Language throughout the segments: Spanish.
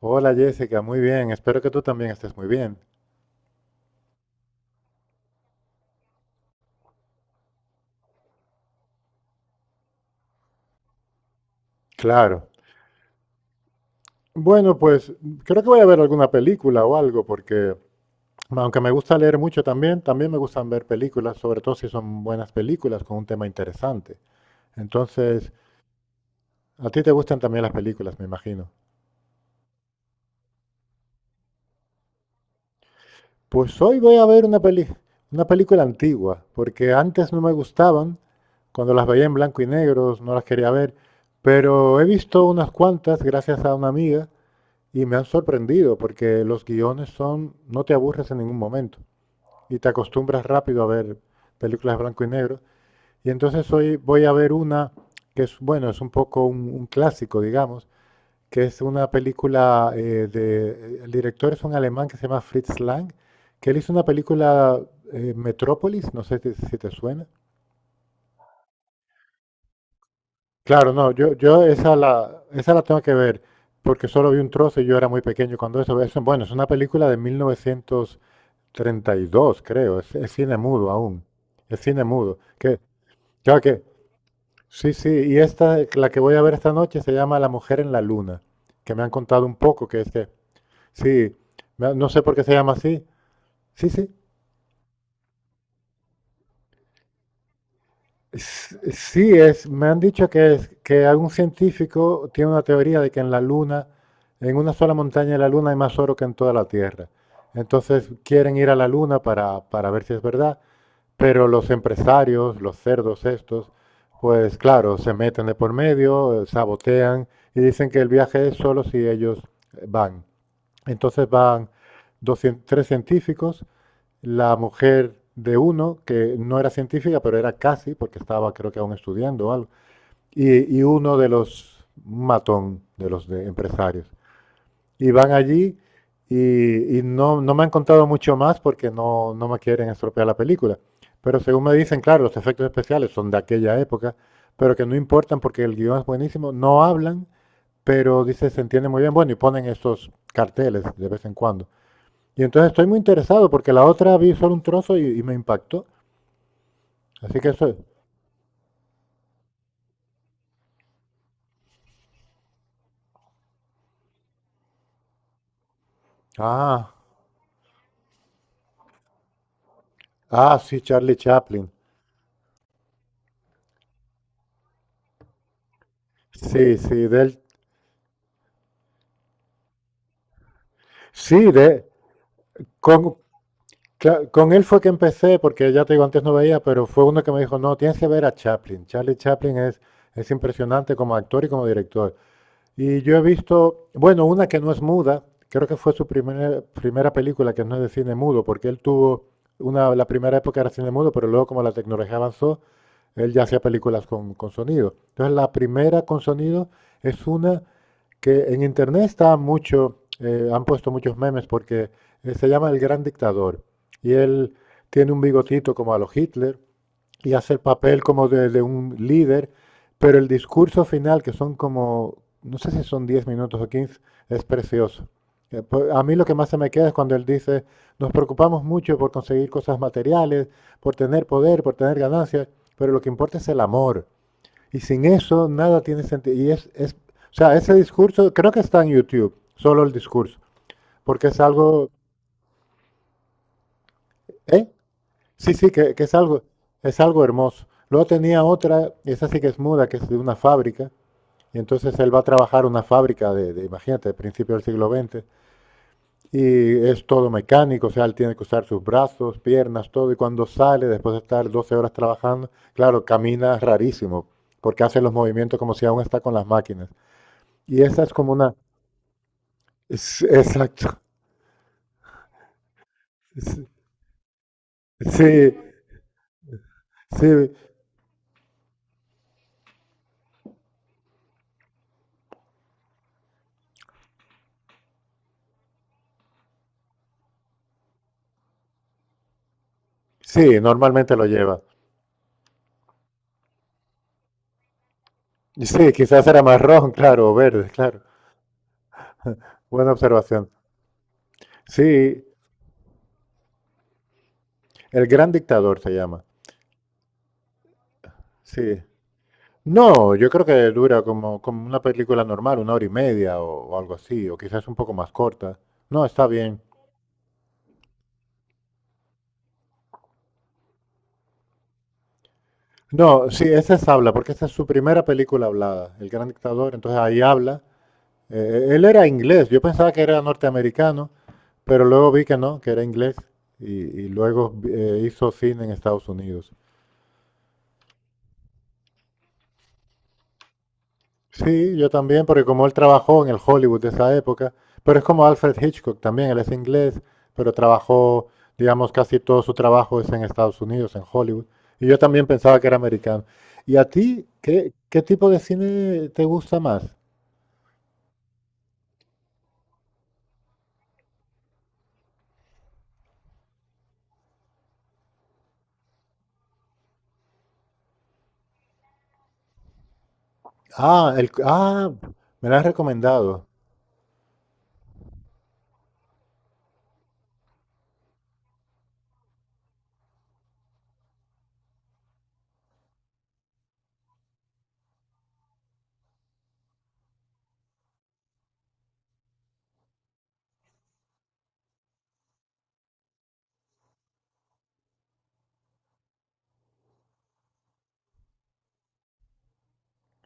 Hola Jessica, muy bien. Espero que tú también estés muy bien. Claro. Bueno, pues creo que voy a ver alguna película o algo, porque aunque me gusta leer mucho también, también me gustan ver películas, sobre todo si son buenas películas con un tema interesante. Entonces, a ti te gustan también las películas, me imagino. Pues hoy voy a ver una peli, una película antigua, porque antes no me gustaban, cuando las veía en blanco y negro, no las quería ver, pero he visto unas cuantas gracias a una amiga. Y me han sorprendido porque los guiones son, no te aburres en ningún momento y te acostumbras rápido a ver películas de blanco y negro. Y entonces hoy voy a ver una que es, bueno, es un poco un clásico, digamos, que es una película el director es un alemán que se llama Fritz Lang, que él hizo una película Metrópolis, no sé si te suena. Claro, no, yo esa la tengo que ver porque solo vi un trozo y yo era muy pequeño cuando eso. Eso, bueno, es una película de 1900 treinta y dos creo. Es cine mudo aún. Es cine mudo. Que, ya que, sí, sí. Y esta, la que voy a ver esta noche se llama La Mujer en la Luna, que me han contado un poco, que es que, sí, no sé por qué se llama así. Sí, sí. Sí, es, me han dicho que, es, que algún científico tiene una teoría de que en la Luna, en una sola montaña de la Luna hay más oro que en toda la Tierra. Entonces quieren ir a la Luna para ver si es verdad. Pero los empresarios, los cerdos estos, pues claro, se meten de por medio, sabotean y dicen que el viaje es solo si ellos van. Entonces van dos tres científicos, la mujer de uno, que no era científica, pero era casi, porque estaba creo que aún estudiando o algo, y uno de los matón, de los de empresarios y van allí y no, no me han contado mucho más porque no, no me quieren estropear la película. Pero según me dicen, claro, los efectos especiales son de aquella época, pero que no importan porque el guión es buenísimo, no hablan, pero dice, se entiende muy bien, bueno, y ponen estos carteles de vez en cuando. Y entonces estoy muy interesado porque la otra vi solo un trozo y me impactó. Así que eso es. Ah, ah, sí, Charlie Chaplin. Sí, sí, del, sí, de, con, claro, con él fue que empecé, porque ya te digo, antes no veía, pero fue uno que me dijo, no, tienes que ver a Chaplin. Charlie Chaplin es impresionante como actor y como director. Y yo he visto, bueno, una que no es muda, creo que fue su primera película que no es de cine mudo, porque él tuvo la primera época era cine mudo, pero luego como la tecnología avanzó, él ya hacía películas con sonido. Entonces la primera con sonido es una que en internet está mucho, han puesto muchos memes porque se llama El Gran Dictador y él tiene un bigotito como a los Hitler y hace el papel como de un líder, pero el discurso final, que son como, no sé si son 10 minutos o 15 es precioso. Pues, a mí lo que más se me queda es cuando él dice, nos preocupamos mucho por conseguir cosas materiales, por tener poder, por tener ganancias, pero lo que importa es el amor. Y sin eso nada tiene sentido. Y es, o sea, ese discurso, creo que está en YouTube, solo el discurso, porque es algo, ¿eh? Sí, sí, que es algo hermoso. Luego tenía otra, esa sí que es muda, que es de una fábrica, y entonces él va a trabajar una fábrica de imagínate, de principios del siglo XX y es todo mecánico, o sea, él tiene que usar sus brazos, piernas, todo, y cuando sale, después de estar 12 horas trabajando, claro, camina rarísimo, porque hace los movimientos como si aún está con las máquinas. Y esa es como una, Exacto. Sí, sí, sí, normalmente lo lleva. Y sí, quizás era marrón, claro, o verde, claro. Buena observación. Sí, El Gran Dictador se llama. Sí. No, yo creo que dura como una película normal, una hora y media o algo así, o quizás un poco más corta. No, está bien. No, sí, esa es habla, porque esa es su primera película hablada, El Gran Dictador, entonces ahí habla. Él era inglés, yo pensaba que era norteamericano, pero luego vi que no, que era inglés y, y luego hizo cine en Estados Unidos. Sí, yo también, porque como él trabajó en el Hollywood de esa época, pero es como Alfred Hitchcock también, él es inglés, pero trabajó, digamos, casi todo su trabajo es en Estados Unidos, en Hollywood. Y yo también pensaba que era americano. ¿Y a ti qué tipo de cine te gusta más? Ah, el, ah, me lo has recomendado.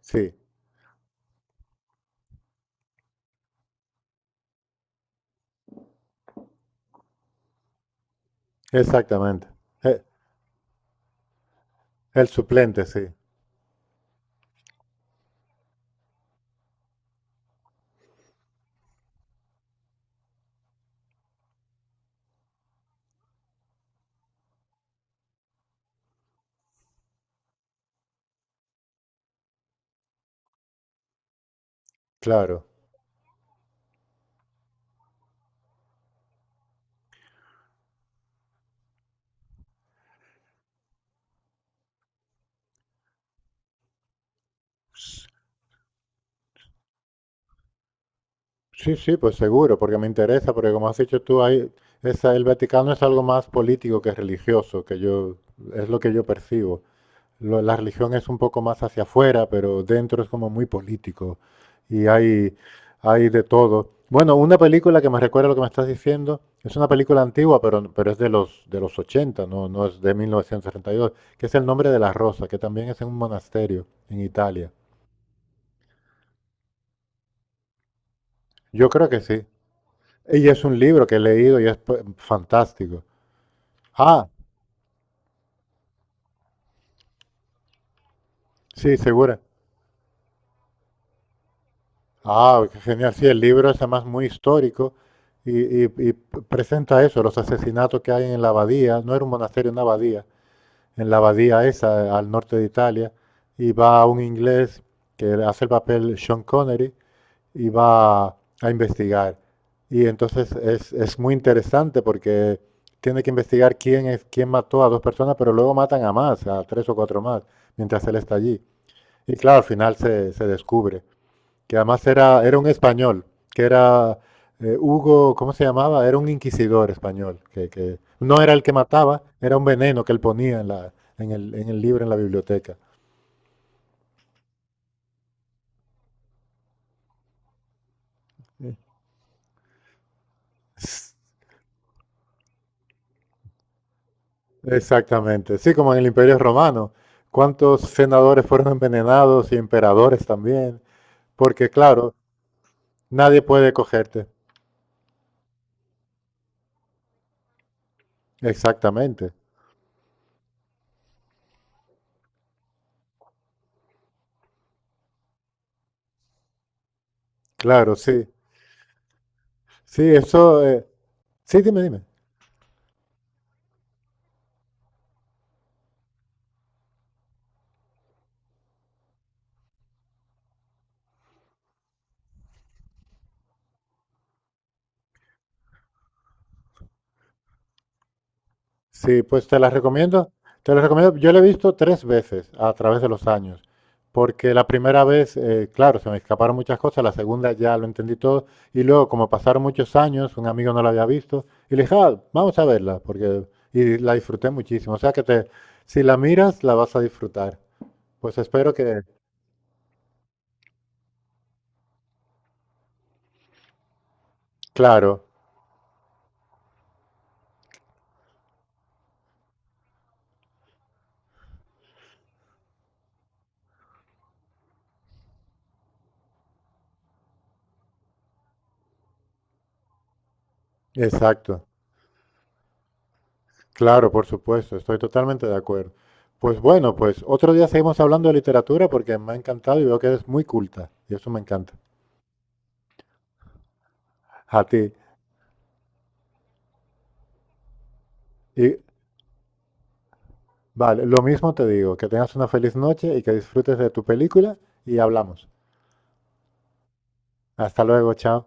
Sí, exactamente. Eh, El suplente, sí, claro. Sí, sí, pues seguro, porque me interesa, porque como has dicho tú, hay, esa, el Vaticano es algo más político que religioso, que yo, es lo que yo percibo. La religión es un poco más hacia afuera, pero dentro es como muy político y hay de todo. Bueno, una película que me recuerda lo que me estás diciendo, es una película antigua, pero es de los 80, no, no es de 1962, que es El nombre de la rosa, que también es en un monasterio en Italia. Yo creo que sí. Y es un libro que he leído y es fantástico. Ah, sí, segura. Ah, qué genial. Sí, el libro es además muy histórico y presenta eso, los asesinatos que hay en la abadía. No era un monasterio, una abadía. En la abadía esa, al norte de Italia. Y va un inglés que hace el papel Sean Connery y va a investigar. Y entonces es muy interesante porque tiene que investigar quién es, quién mató a dos personas, pero luego matan a más, a tres o cuatro más, mientras él está allí. Y claro, al final se descubre que además era un español, que era Hugo, ¿cómo se llamaba? Era un inquisidor español, que no era el que mataba, era un veneno que él ponía en el libro, en la biblioteca. Sí. Exactamente. Sí, como en el Imperio Romano. ¿Cuántos senadores fueron envenenados y emperadores también? Porque claro, nadie puede cogerte. Exactamente. Claro, sí. Sí, eso. Sí, dime, dime. Sí, pues te las recomiendo. Te las recomiendo. Yo la he visto tres veces a través de los años, porque la primera vez, claro, se me escaparon muchas cosas, la segunda ya lo entendí todo, y luego, como pasaron muchos años, un amigo no la había visto, y le dije: "Ah, vamos a verla", porque y la disfruté muchísimo. O sea que te, si la miras, la vas a disfrutar. Pues espero que, claro, exacto. Claro, por supuesto, estoy totalmente de acuerdo. Pues bueno, pues otro día seguimos hablando de literatura porque me ha encantado y veo que eres muy culta y eso me encanta. A ti. Y vale, lo mismo te digo, que tengas una feliz noche y que disfrutes de tu película y hablamos. Hasta luego, chao.